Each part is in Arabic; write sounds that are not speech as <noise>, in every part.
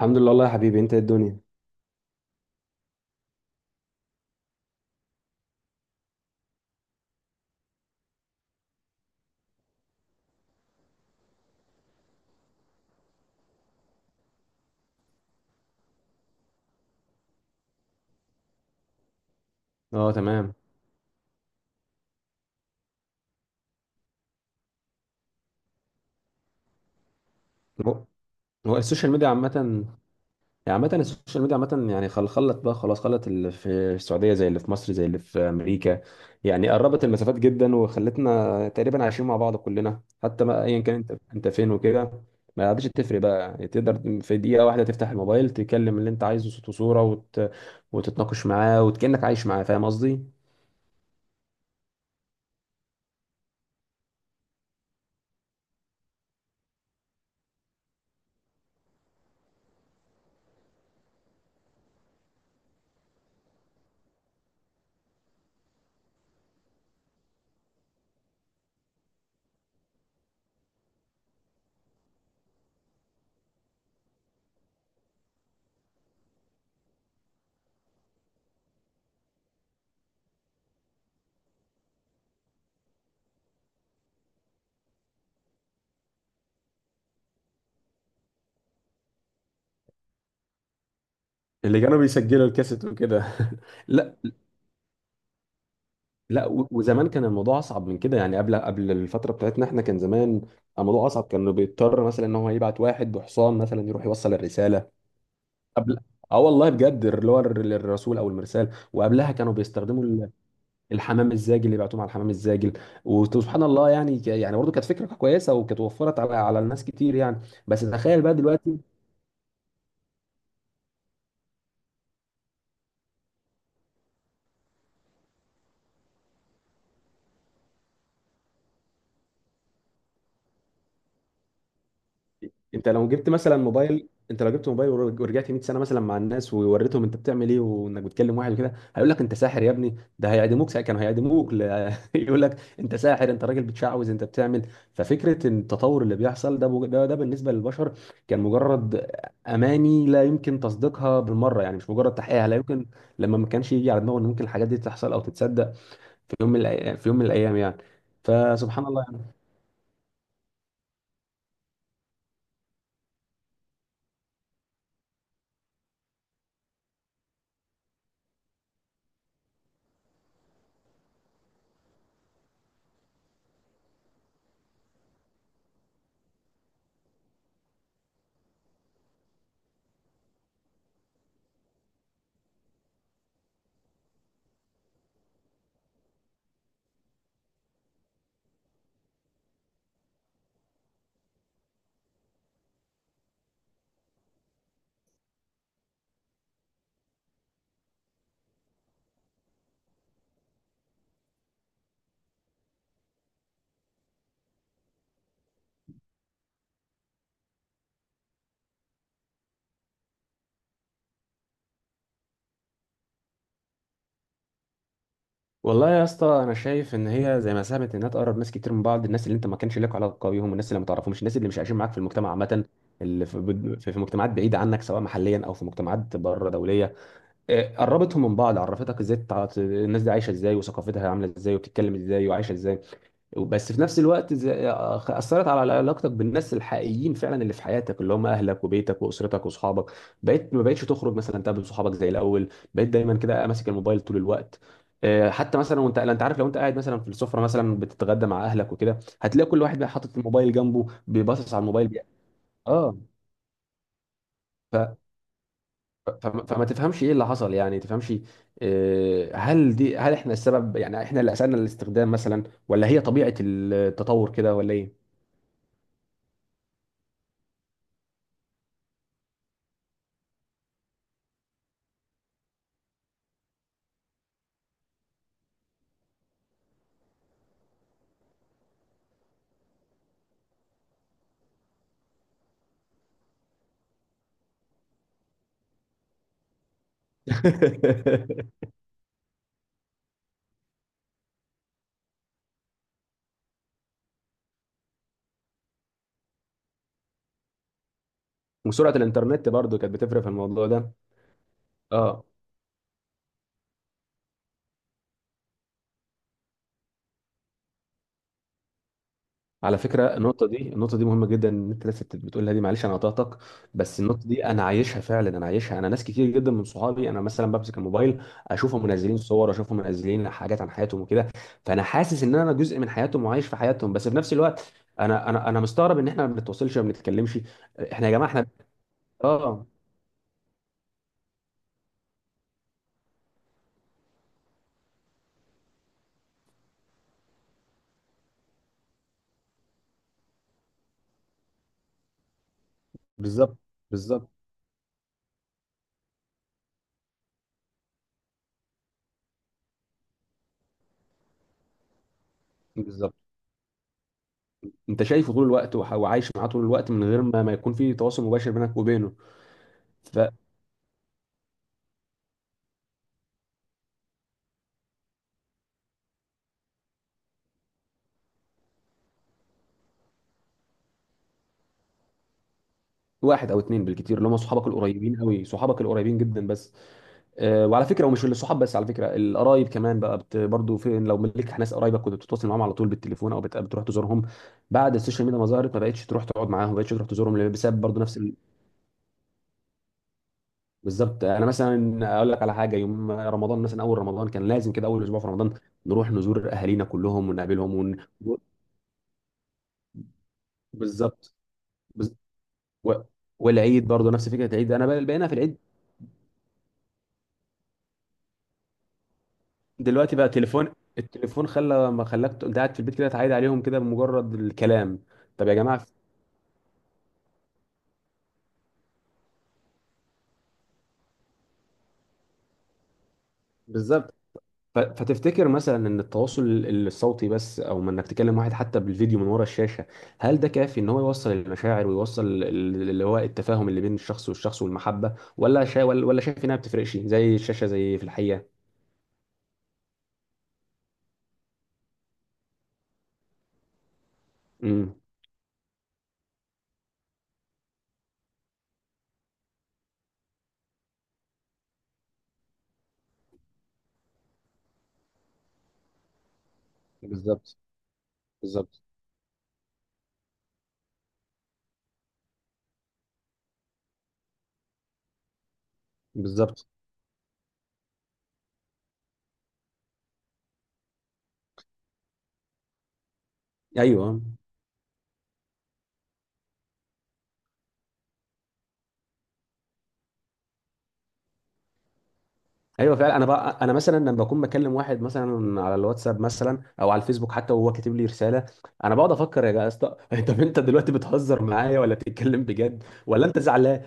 الحمد لله والله يا حبيبي، انت ايه الدنيا؟ اه، تمام. هو هو السوشيال ميديا عامة. يعني عامة السوشيال ميديا عامة، يعني خلت بقى خلاص، خلت اللي في السعودية زي اللي في مصر زي اللي في أمريكا. يعني قربت المسافات جدا وخلتنا تقريبا عايشين مع بعض كلنا، حتى ما أيا كان انت فين وكده. ما عادش تفرق بقى، تقدر في دقيقة واحدة تفتح الموبايل تكلم اللي انت عايزه صوت وصورة وتتناقش معاه وكأنك عايش معاه، فاهم قصدي؟ اللي كانوا بيسجلوا الكاسيت وكده. <laughs> لا، وزمان كان الموضوع اصعب من كده. يعني قبل الفتره بتاعتنا احنا، كان زمان الموضوع اصعب، كانوا بيضطر مثلا ان هو يبعت واحد بحصان مثلا يروح يوصل الرساله. قبل، اه والله بجد، اللي هو الرسول او المرسال. وقبلها كانوا بيستخدموا الحمام الزاجل، اللي بيبعتوهم على الحمام الزاجل. وسبحان الله، يعني يعني برضه كانت فكره كويسه، وكانت وفرت على الناس كتير يعني. بس تخيل بقى دلوقتي، انت لو جبت مثلا موبايل، انت لو جبت موبايل ورجعت 100 سنه مثلا مع الناس ووريتهم انت بتعمل ايه، وانك بتكلم واحد وكده، هيقول لك انت ساحر يا ابني، ده هيعدموك ساعة، كانوا هيعدموك <laughs> يقول لك انت ساحر، انت راجل بتشعوذ، انت بتعمل. ففكره ان التطور اللي بيحصل ده ده بالنسبه للبشر كان مجرد اماني لا يمكن تصديقها بالمره. يعني مش مجرد تحقيقها لا يمكن، لما ما كانش يجي على دماغه ان ممكن الحاجات دي تحصل او تتصدق في في يوم من الايام يعني. فسبحان الله. والله يا اسطى انا شايف ان هي زي ما ساهمت انها تقرب ناس كتير من بعض، الناس اللي انت ما كانش لك علاقه بيهم، والناس اللي ما تعرفهمش، الناس اللي مش عايشين معاك في المجتمع عامه، اللي في, في مجتمعات بعيده عنك، سواء محليا او في مجتمعات بره دوليه. آه، قربتهم من بعض، عرفتك ازاي الناس دي عايشه ازاي، وثقافتها عامله ازاي، وبتتكلم ازاي، وعايشه ازاي. بس في نفس الوقت اثرت على علاقتك بالناس الحقيقيين فعلا، اللي في حياتك، اللي هم اهلك وبيتك واسرتك وصحابك. بقيت ما بقتش تخرج مثلا تقابل صحابك زي الاول، بقيت دايما كده ماسك الموبايل طول الوقت. آه، حتى مثلا وانت لا، انت عارف، لو انت قاعد مثلا في السفره مثلا بتتغدى مع اهلك وكده، هتلاقي كل واحد بقى حاطط الموبايل جنبه بيبصص على الموبايل اه. ف... فما فما تفهمش ايه اللي حصل، يعني تفهمش، آه، هل دي، هل احنا السبب؟ يعني احنا اللي اسالنا الاستخدام مثلا، ولا هي طبيعه التطور كده، ولا ايه؟ <laughs> وسرعه الانترنت برضو كانت بتفرق في الموضوع ده. اه. على فكره، النقطه دي مهمه جدا، ان انت لسه بتقولها دي، معلش انا قطعتك. بس النقطه دي انا عايشها فعلا، انا عايشها. انا ناس كتير جدا من صحابي، انا مثلا بمسك الموبايل اشوفهم منزلين صور، اشوفهم منزلين حاجات عن حياتهم وكده، فانا حاسس ان انا جزء من حياتهم وعايش في حياتهم. بس في نفس الوقت، انا مستغرب ان احنا ما بنتواصلش، ما بنتكلمش. احنا يا جماعه احنا، اه. بالظبط. بالظبط. بالظبط. انت شايفه طول الوقت وعايش معاه طول الوقت، من غير ما يكون في تواصل مباشر بينك وبينه. فواحد او اتنين بالكتير، اللي هم صحابك القريبين قوي، صحابك القريبين جدا بس. آه، وعلى فكره، ومش الصحاب بس، على فكره القرايب كمان بقى، بت برضه، في لو ملك ناس قرايبك كنت بتتواصل معاهم على طول بالتليفون، او بتروح تزورهم. بعد السوشيال ميديا ما ظهرت، ما بقتش تروح تقعد معاهم، ما بقتش تروح تزورهم، بسبب برضه نفس بالظبط. انا مثلا اقول لك على حاجه، يوم رمضان مثلا، اول رمضان كان لازم كده، اول اسبوع في رمضان نروح نزور اهالينا كلهم ونقابلهم بالظبط. و... والعيد برضه نفس فكره العيد، انا بقى بقينا في العيد، دلوقتي بقى تليفون، التليفون خلى، ما خلاك انت قاعد في البيت كده تعيد عليهم كده بمجرد الكلام. طب يا جماعه، بالظبط. فتفتكر مثلا ان التواصل الصوتي بس، او ما انك تكلم واحد حتى بالفيديو من ورا الشاشه، هل ده كافي ان هو يوصل المشاعر ويوصل اللي هو التفاهم اللي بين الشخص والشخص والمحبه، ولا ولا شايف انها ما بتفرقش، زي الشاشه زي في الحقيقه. امم. بالظبط. بالظبط. بالظبط. ايوه. ايوه فعلا. انا بقى، انا مثلا لما بكون بكلم واحد مثلا على الواتساب مثلا او على الفيسبوك حتى، وهو كاتب لي رساله، انا بقعد افكر يا اسطى، <laughs> طب انت دلوقتي بتهزر معايا ولا بتتكلم بجد، ولا انت زعلان؟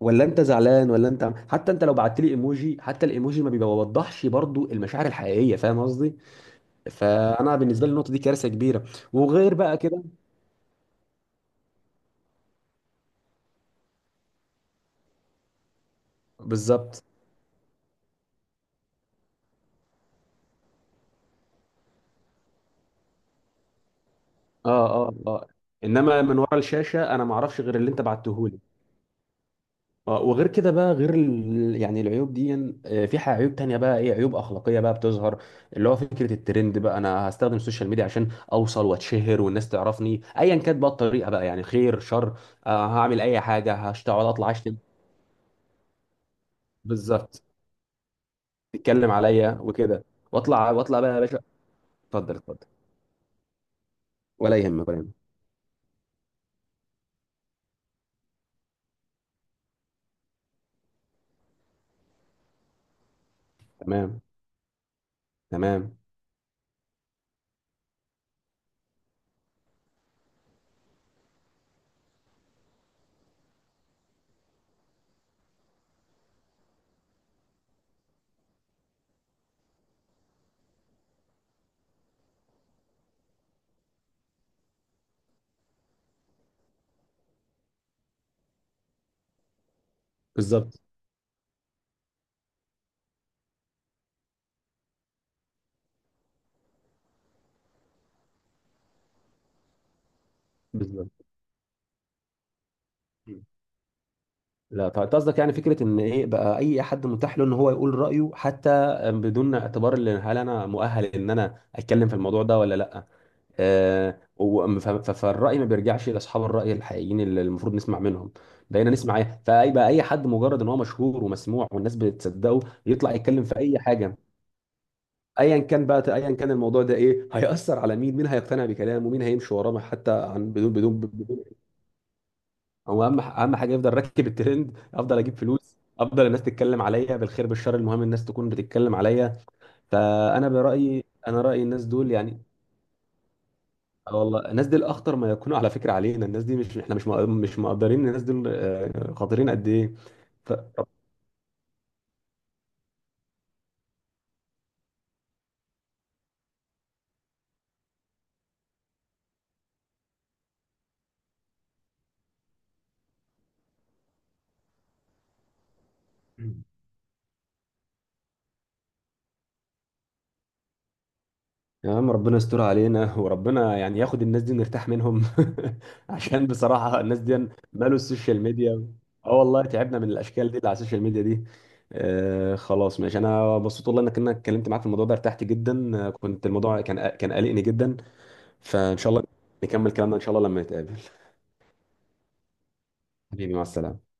ولا انت حتى، انت لو بعت لي ايموجي، حتى الايموجي ما بيوضحش برضو المشاعر الحقيقيه، فاهم قصدي؟ فانا بالنسبه لي النقطه دي كارثه كبيره. وغير بقى كده، بالظبط. اه اه اه. انما من ورا الشاشه انا ما اعرفش غير اللي انت بعته. آه، وغير كده بقى، غير يعني العيوب دي، آه، في عيوب تانية بقى، ايه عيوب اخلاقية بقى بتظهر، اللي هو فكرة الترند بقى، انا هستخدم السوشيال ميديا عشان اوصل واتشهر والناس تعرفني، ايا كانت بقى الطريقة بقى، يعني خير شر، آه، هعمل اي حاجة، هشتغل، اطلع اشتم، بالظبط، تتكلم عليا وكده، واطلع واطلع بقى يا باشا. اتفضل اتفضل. ولا يهمك، ولا يهمك. تمام. تمام. بالظبط. بالظبط. لا طيب، أنت قصدك يعني فكره ان ايه بقى، اي حد متاح له ان هو يقول رايه، حتى بدون اعتبار اللي هل انا مؤهل ان انا اتكلم في الموضوع ده ولا لا. آه، فالراي ما بيرجعش لاصحاب الراي الحقيقيين اللي المفروض نسمع منهم. بقينا نسمع ايه؟ فاي بقى، اي حد مجرد ان هو مشهور ومسموع والناس بتصدقه يطلع يتكلم في اي حاجه، ايا كان بقى، ايا كان الموضوع ده ايه، هيأثر على مين، مين هيقتنع بكلامه، مين هيمشي وراه، حتى عن بدون. هو اهم حاجه يفضل راكب الترند، افضل اجيب فلوس، افضل الناس تتكلم عليا بالخير بالشر، المهم الناس تكون بتتكلم عليا. فانا برايي، انا رايي الناس دول يعني، آه والله الناس دي الاخطر ما يكونوا على فكره علينا، الناس دي مش احنا مش مش مقدرين الناس دول، آه، خطيرين قد ايه. ف... يا عم ربنا يستر علينا، <laughs> وربنا يعني ياخد الناس دي نرتاح منهم. <laughs> عشان بصراحة الناس دي مالوا السوشيال ميديا. اه والله تعبنا من الاشكال دي اللي على السوشيال ميديا دي. آه خلاص ماشي، انا مبسوط والله انك اتكلمت معاك في الموضوع ده، ارتحت جدا، آه، كنت الموضوع كان قلقني جدا. فان شاء الله نكمل كلامنا ان شاء الله لما نتقابل. حبيبي، مع السلامة.